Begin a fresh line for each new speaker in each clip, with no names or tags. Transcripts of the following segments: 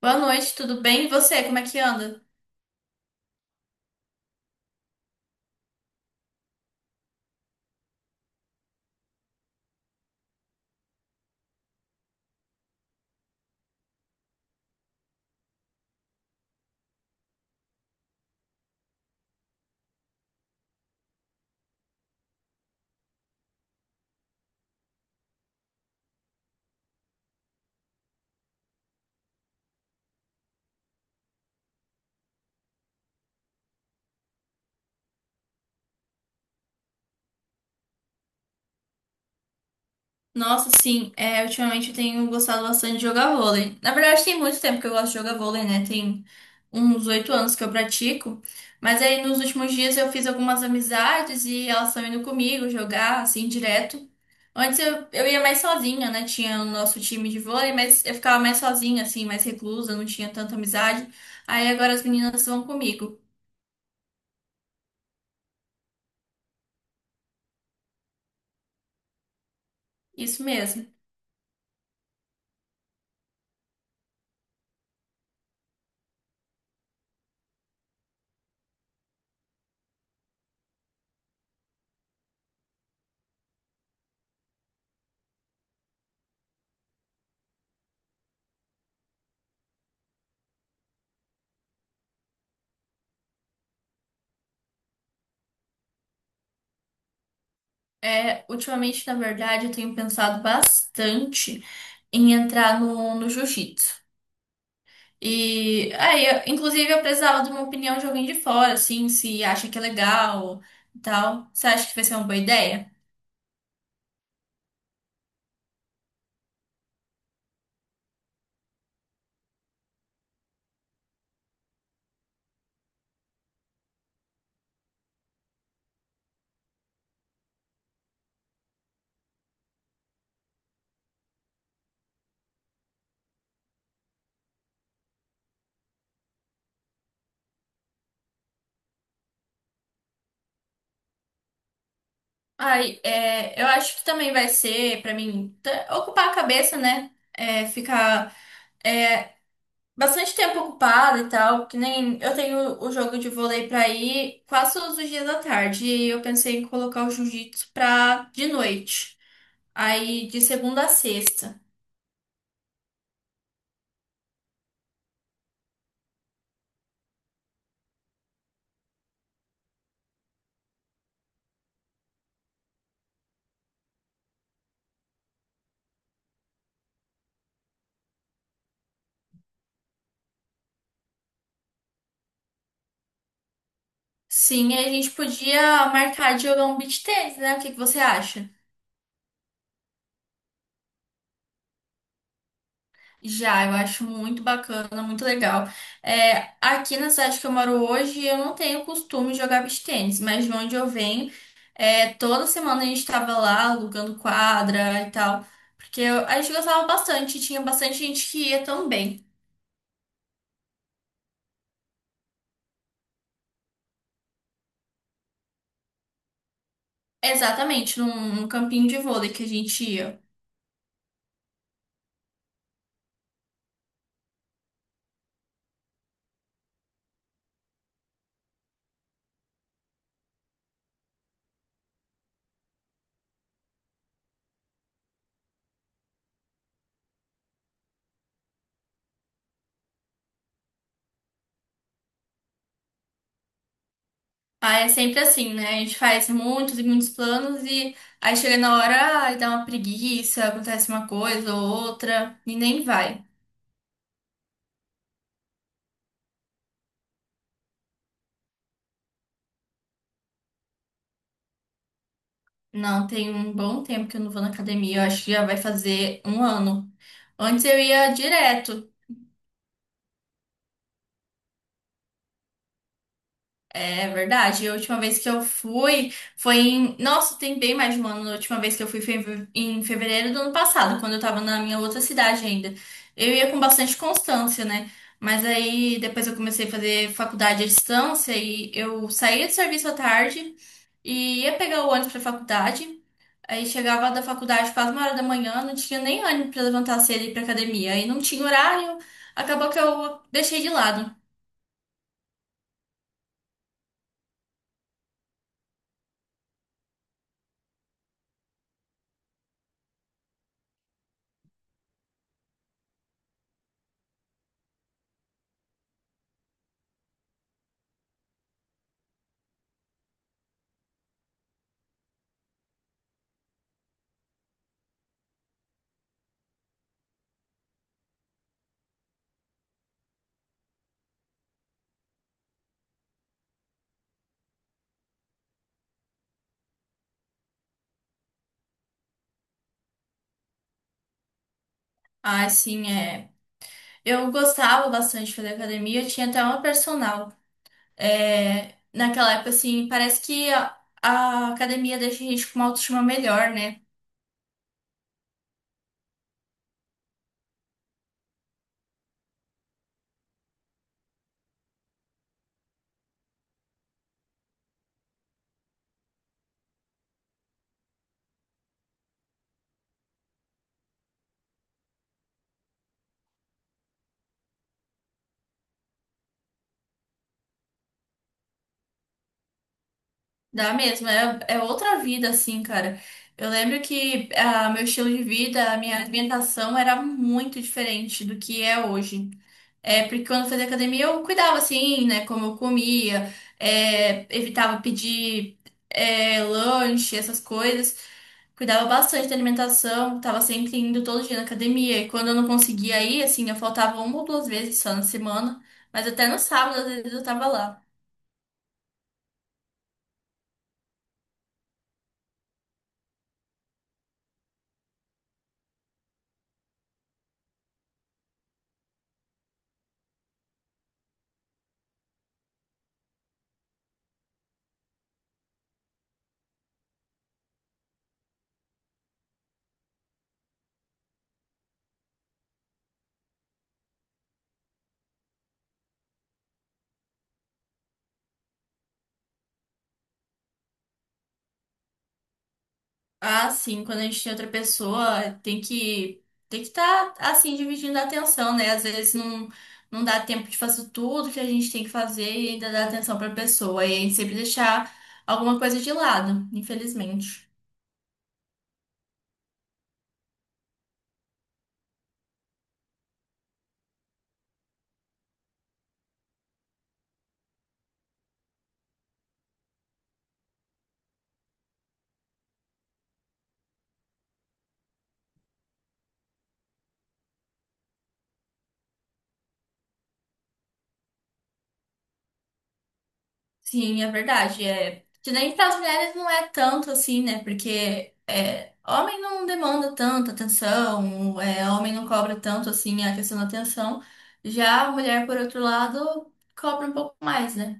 Boa noite, tudo bem? E você, como é que anda? Nossa, sim, ultimamente eu tenho gostado bastante de jogar vôlei. Na verdade, tem muito tempo que eu gosto de jogar vôlei, né? Tem uns 8 anos que eu pratico. Mas aí nos últimos dias eu fiz algumas amizades e elas estão indo comigo jogar, assim, direto. Antes eu ia mais sozinha, né? Tinha o nosso time de vôlei, mas eu ficava mais sozinha, assim, mais reclusa, não tinha tanta amizade. Aí agora as meninas vão comigo. Isso mesmo. É, ultimamente, na verdade, eu tenho pensado bastante em entrar no jiu-jitsu. E aí, inclusive, eu precisava de uma opinião de alguém de fora, assim, se acha que é legal e tal. Você acha que vai ser uma boa ideia? Ai, é, eu acho que também vai ser, pra mim, ocupar a cabeça, né? É, ficar é, bastante tempo ocupada e tal, que nem eu tenho o jogo de vôlei pra ir quase todos os dias da tarde, e eu pensei em colocar o jiu-jitsu pra de noite. Aí de segunda a sexta. Sim, aí a gente podia marcar de jogar um beach tennis, né? O que que você acha? Já, eu acho muito bacana, muito legal. É, aqui na cidade que eu moro hoje, eu não tenho costume de jogar beach tennis, mas de onde eu venho, toda semana a gente estava lá alugando quadra e tal, porque a gente gostava bastante, tinha bastante gente que ia também. Exatamente, num campinho de vôlei que a gente ia. Ah, é sempre assim, né? A gente faz muitos e muitos planos e aí chega na hora ai, dá uma preguiça, acontece uma coisa ou outra e nem vai. Não, tem um bom tempo que eu não vou na academia, eu acho que já vai fazer um ano. Antes eu ia direto. É verdade. E a última vez que eu fui foi em. Nossa, tem bem mais de um ano. A última vez que eu fui foi em em fevereiro do ano passado, quando eu tava na minha outra cidade ainda. Eu ia com bastante constância, né? Mas aí depois eu comecei a fazer faculdade à distância e eu saía do serviço à tarde e ia pegar o ônibus pra faculdade. Aí chegava da faculdade quase 1 hora da manhã, não tinha nem ânimo pra levantar cedo e ir pra academia. Aí não tinha horário, acabou que eu deixei de lado. Ah, sim, é. Eu gostava bastante de fazer academia, eu tinha até uma personal. É, naquela época, assim, parece que a academia deixa a gente com uma autoestima melhor, né? Dá mesmo, é, é outra vida, assim, cara. Eu lembro que ah, meu estilo de vida, a minha alimentação era muito diferente do que é hoje. É, porque quando eu fazia academia eu cuidava assim, né? Como eu comia, evitava pedir lanche, essas coisas. Cuidava bastante da alimentação, tava sempre indo todo dia na academia. E quando eu não conseguia ir, assim, eu faltava uma ou duas vezes só na semana. Mas até no sábado, às vezes, eu tava lá. Ah, sim, quando a gente tem outra pessoa, tem que estar assim dividindo a atenção, né? Às vezes não dá tempo de fazer tudo que a gente tem que fazer e ainda dar atenção para a pessoa, e a gente sempre deixar alguma coisa de lado, infelizmente. Sim, é verdade, é. Que nem para as mulheres não é tanto assim, né? Porque é, homem não demanda tanta atenção, é, homem não cobra tanto assim a questão da atenção. Já a mulher, por outro lado, cobra um pouco mais, né?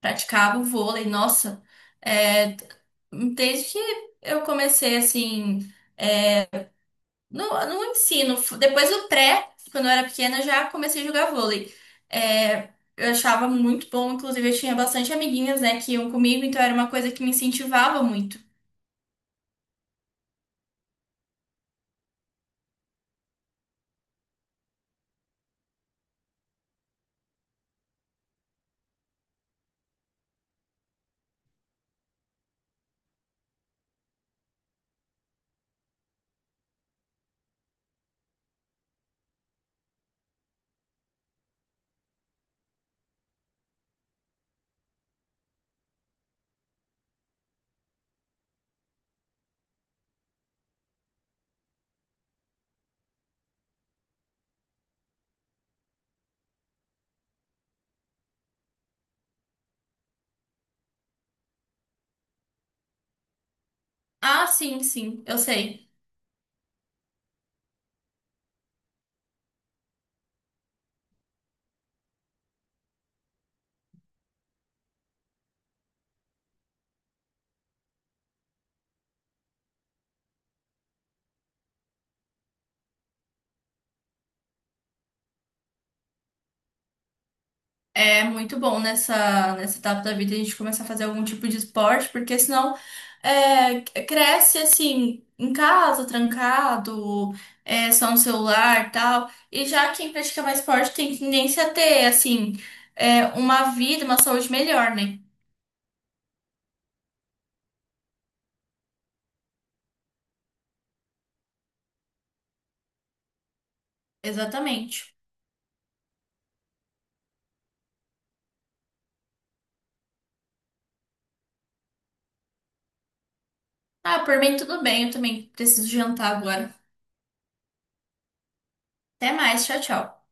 Praticava o vôlei, nossa, é, desde que eu comecei assim, no ensino, depois do pré, quando eu era pequena, eu já comecei a jogar vôlei. É, eu achava muito bom, inclusive eu tinha bastante amiguinhas, né, que iam comigo, então era uma coisa que me incentivava muito. Ah, sim, sim, eu sei. É muito bom nessa etapa da vida a gente começar a fazer algum tipo de esporte, porque senão cresce assim, em casa, trancado, só no celular e tal. E já quem pratica mais esporte tem tendência a ter, assim, uma vida, uma saúde melhor, né? Exatamente. Ah, por mim tudo bem, eu também preciso jantar agora. Até mais, tchau, tchau.